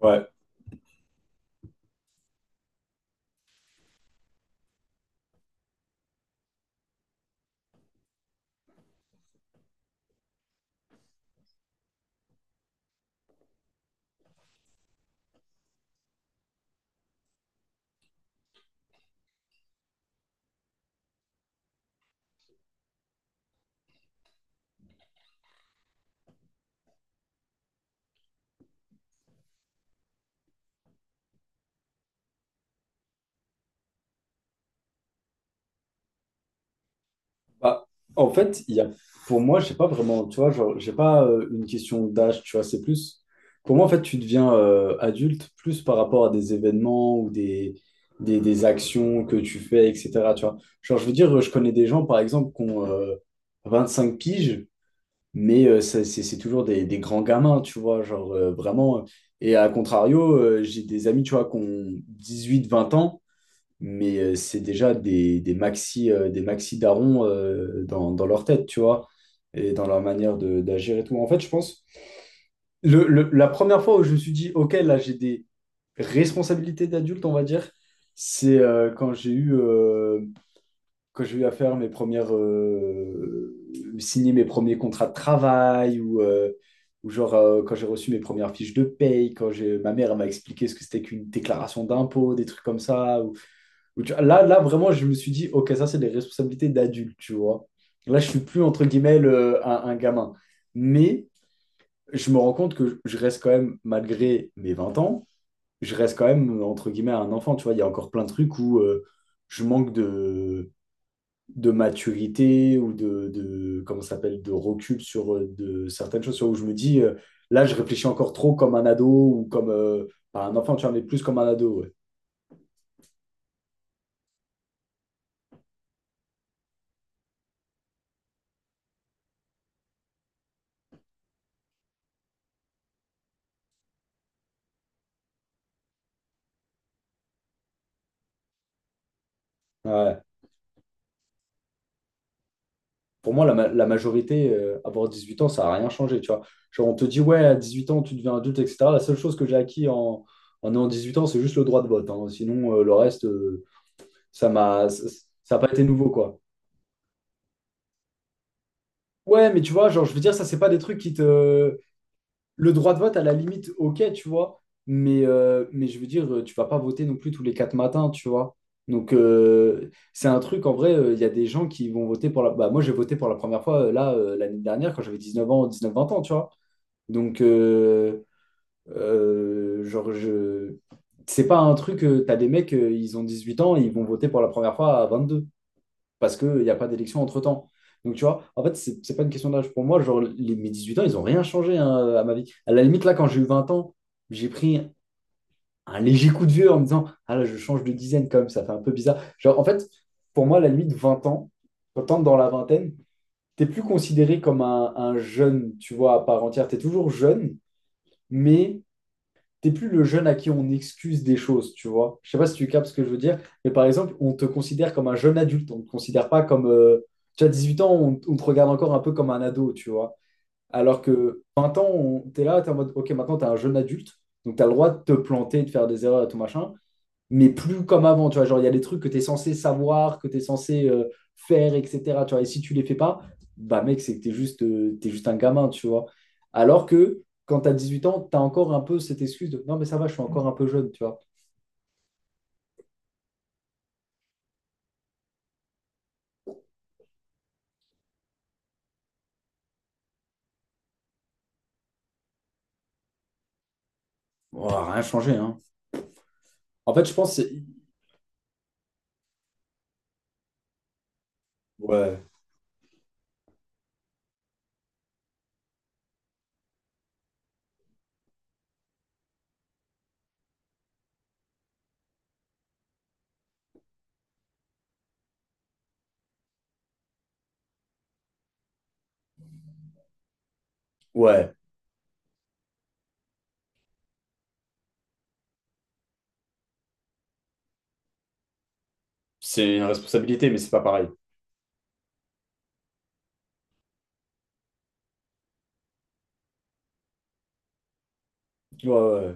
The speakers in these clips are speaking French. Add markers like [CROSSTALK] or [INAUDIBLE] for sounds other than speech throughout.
Ouais. Bah, en fait, il y a, pour moi, je sais pas vraiment, tu vois, genre, j'ai pas une question d'âge, tu vois, c'est plus. Pour moi, en fait, tu deviens adulte plus par rapport à des événements ou des actions que tu fais, etc. Tu vois. Genre, je veux dire, je connais des gens, par exemple, qui ont 25 piges, mais c'est toujours des grands gamins, tu vois, genre, vraiment. Et à contrario, j'ai des amis, tu vois, qui ont 18, 20 ans. Mais c'est déjà des maxi darons dans leur tête, tu vois, et dans leur manière d'agir et tout. En fait, je pense, la première fois où je me suis dit, OK, là, j'ai des responsabilités d'adulte, on va dire, c'est quand j'ai eu à faire signer mes premiers contrats de travail ou genre, quand j'ai reçu mes premières fiches de paye, ma mère elle m'a expliqué ce que c'était qu'une déclaration d'impôt, des trucs comme ça, là, là, vraiment, je me suis dit, OK, ça, c'est des responsabilités d'adulte, tu vois. Là, je suis plus, entre guillemets, un gamin. Mais je me rends compte que je reste quand même, malgré mes 20 ans, je reste quand même, entre guillemets, un enfant, tu vois. Il y a encore plein de trucs où je manque de maturité ou comment ça s'appelle, de recul sur certaines choses, sur où je me dis, là, je réfléchis encore trop comme un ado ou comme, pas un enfant, tu vois, mais plus comme un ado, ouais. Ouais. Pour moi, la majorité, avoir 18 ans, ça n'a rien changé, tu vois. Genre, on te dit, ouais, à 18 ans, tu deviens adulte, etc. La seule chose que j'ai acquis en ayant 18 ans, c'est juste le droit de vote, hein. Sinon, le reste, ça m'a, ça ça a pas été nouveau, quoi. Ouais, mais tu vois, genre, je veux dire, ça, c'est pas des trucs qui te. Le droit de vote, à la limite, ok, tu vois. Mais je veux dire, tu vas pas voter non plus tous les quatre matins, tu vois. Donc, c'est un truc, en vrai, il y a des gens qui vont voter pour la. Bah, moi, j'ai voté pour la première fois, là, l'année dernière, quand j'avais 19 ans, 19-20 ans, tu vois. Donc, genre, je. C'est pas un truc, t'as des mecs, ils ont 18 ans, ils vont voter pour la première fois à 22 parce qu'il n'y a pas d'élection entre-temps. Donc, tu vois, en fait, c'est pas une question d'âge pour moi. Genre, mes 18 ans, ils ont rien changé, hein, à ma vie. À la limite, là, quand j'ai eu 20 ans, j'ai pris un léger coup de vieux en me disant, ah là, je change de dizaine quand même, ça fait un peu bizarre. Genre, en fait, pour moi, à la limite, 20 ans, quand t'entres dans la vingtaine, t'es plus considéré comme un jeune, tu vois, à part entière. T'es toujours jeune, mais t'es plus le jeune à qui on excuse des choses, tu vois. Je sais pas si tu captes ce que je veux dire, mais par exemple, on te considère comme un jeune adulte, on te considère pas comme. Tu as 18 ans, on te regarde encore un peu comme un ado, tu vois. Alors que 20 ans, t'es là, t'es en mode, ok, maintenant t'es un jeune adulte, donc t'as le droit de te planter, de faire des erreurs et tout machin, mais plus comme avant, tu vois. Genre, il y a des trucs que tu es censé savoir, que tu es censé faire, etc. Tu vois, et si tu les fais pas, bah mec, c'est que t'es juste un gamin, tu vois. Alors que quand tu as 8 ans, tu as encore un peu cette excuse de non, mais ça va, je suis encore un peu jeune, tu vois. Oh, rien changé, hein. En fait, je pense que c'est. Ouais, ouais, c'est une responsabilité, mais c'est pas pareil. Ouais, ouais,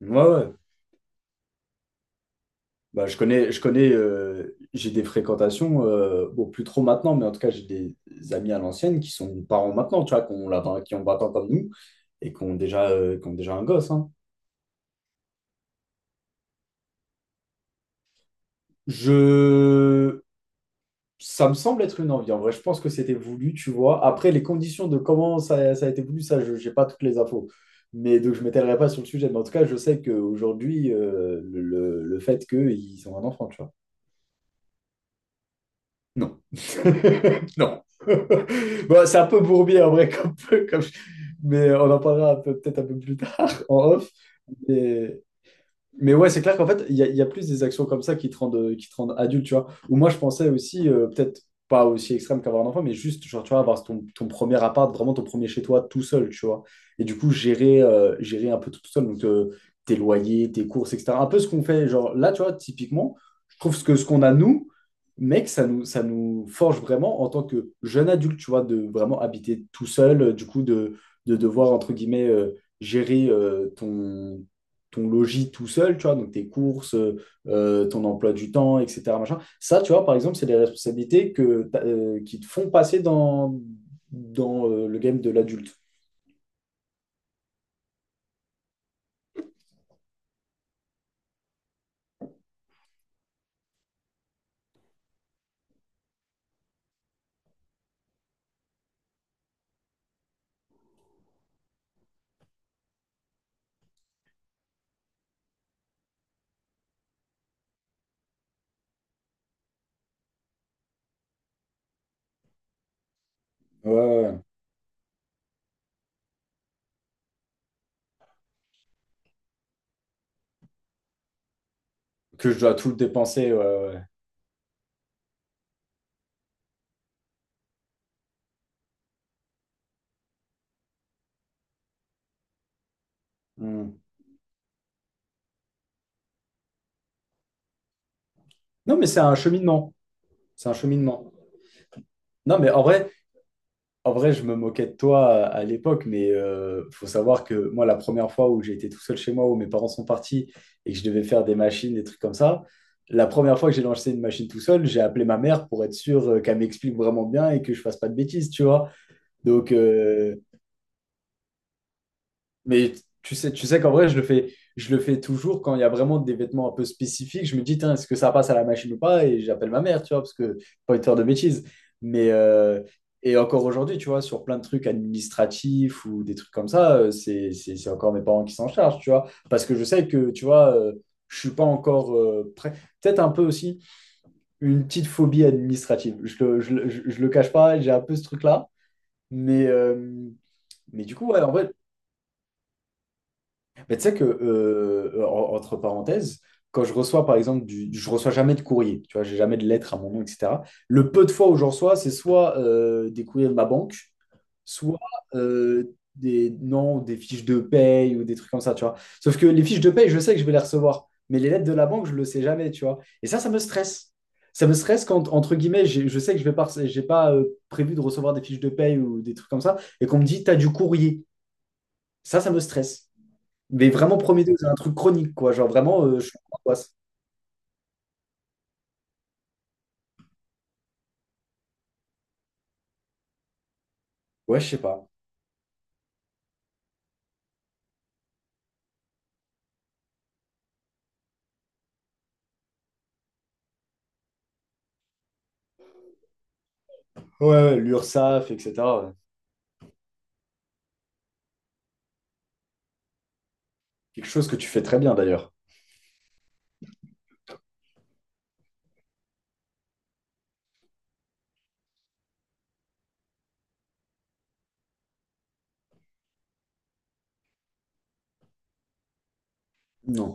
ouais. Ouais. Ouais. Bah, je connais, j'ai des fréquentations, bon, plus trop maintenant, mais en tout cas, j'ai des amis à l'ancienne qui sont parents maintenant, tu vois, qui ont 20 ans comme nous et qui ont déjà un gosse, hein. Je. Ça me semble être une envie. En vrai, je pense que c'était voulu, tu vois. Après, les conditions de comment ça, ça a été voulu, ça, je n'ai pas toutes les infos. Mais donc, je ne m'étalerai pas sur le sujet. Mais en tout cas, je sais qu'aujourd'hui, le fait qu'ils ont un enfant, tu vois. Non. [LAUGHS] Non. [LAUGHS] Bon, c'est un peu bourbier en vrai, comme- mais on en parlera peut-être un peu plus tard en off. Mais mais ouais, c'est clair qu'en fait, il y a plus des actions comme ça qui te rendent adulte, tu vois. Ou moi, je pensais aussi, peut-être pas aussi extrême qu'avoir un enfant, mais juste, genre, tu vois, avoir ton premier appart, vraiment ton premier chez toi, tout seul, tu vois. Et du coup, gérer un peu tout, tout seul, donc tes loyers, tes courses, etc. Un peu ce qu'on fait, genre, là, tu vois, typiquement, je trouve ce que ce qu'on a, nous, mec, ça nous forge vraiment en tant que jeune adulte, tu vois, de vraiment habiter tout seul, du coup, de devoir, entre guillemets, gérer ton logis tout seul, tu vois, donc tes courses, ton emploi du temps, etc. machin. Ça, tu vois, par exemple, c'est des responsabilités que, qui te font passer dans le game de l'adulte. Ouais, ouais, ouais. Que je dois tout le dépenser, ouais, ouais. Ouais. Hmm. Non, mais c'est un cheminement. C'est un cheminement. Non, mais en vrai. En vrai, je me moquais de toi à l'époque, mais faut savoir que moi, la première fois où j'ai été tout seul chez moi, où mes parents sont partis et que je devais faire des machines, des trucs comme ça, la première fois que j'ai lancé une machine tout seul, j'ai appelé ma mère pour être sûr, qu'elle m'explique vraiment bien et que je fasse pas de bêtises, tu vois. Donc, mais tu sais qu'en vrai, je le fais toujours quand il y a vraiment des vêtements un peu spécifiques. Je me dis, tiens, est-ce que ça passe à la machine ou pas? Et j'appelle ma mère, tu vois, parce que pas envie de faire de bêtises. Mais et encore aujourd'hui, tu vois, sur plein de trucs administratifs ou des trucs comme ça, c'est encore mes parents qui s'en chargent, tu vois. Parce que je sais que, tu vois, je suis pas encore prêt. Peut-être un peu aussi une petite phobie administrative. Je le cache pas, j'ai un peu ce truc-là. Mais, euh, mais du coup, ouais, en vrai. Mais tu sais que, entre parenthèses, quand je reçois, par exemple, je reçois jamais de courrier, tu vois, j'ai jamais de lettres à mon nom, etc. Le peu de fois où j'en reçois, c'est soit des courriers de ma banque, soit des, non, des fiches de paye ou des trucs comme ça, tu vois. Sauf que les fiches de paye, je sais que je vais les recevoir, mais les lettres de la banque, je le sais jamais, tu vois. Et ça me stresse. Ça me stresse quand, entre guillemets, je sais que je vais pas, j'ai pas prévu de recevoir des fiches de paye ou des trucs comme ça, et qu'on me dit, t'as du courrier. Ça me stresse. Mais vraiment Prometheus, c'est un truc chronique, quoi. Genre vraiment, je suis en angoisse. Ouais, je sais pas. Ouais, ouais, l'URSSAF, etc. Quelque chose que tu fais très bien d'ailleurs. Non.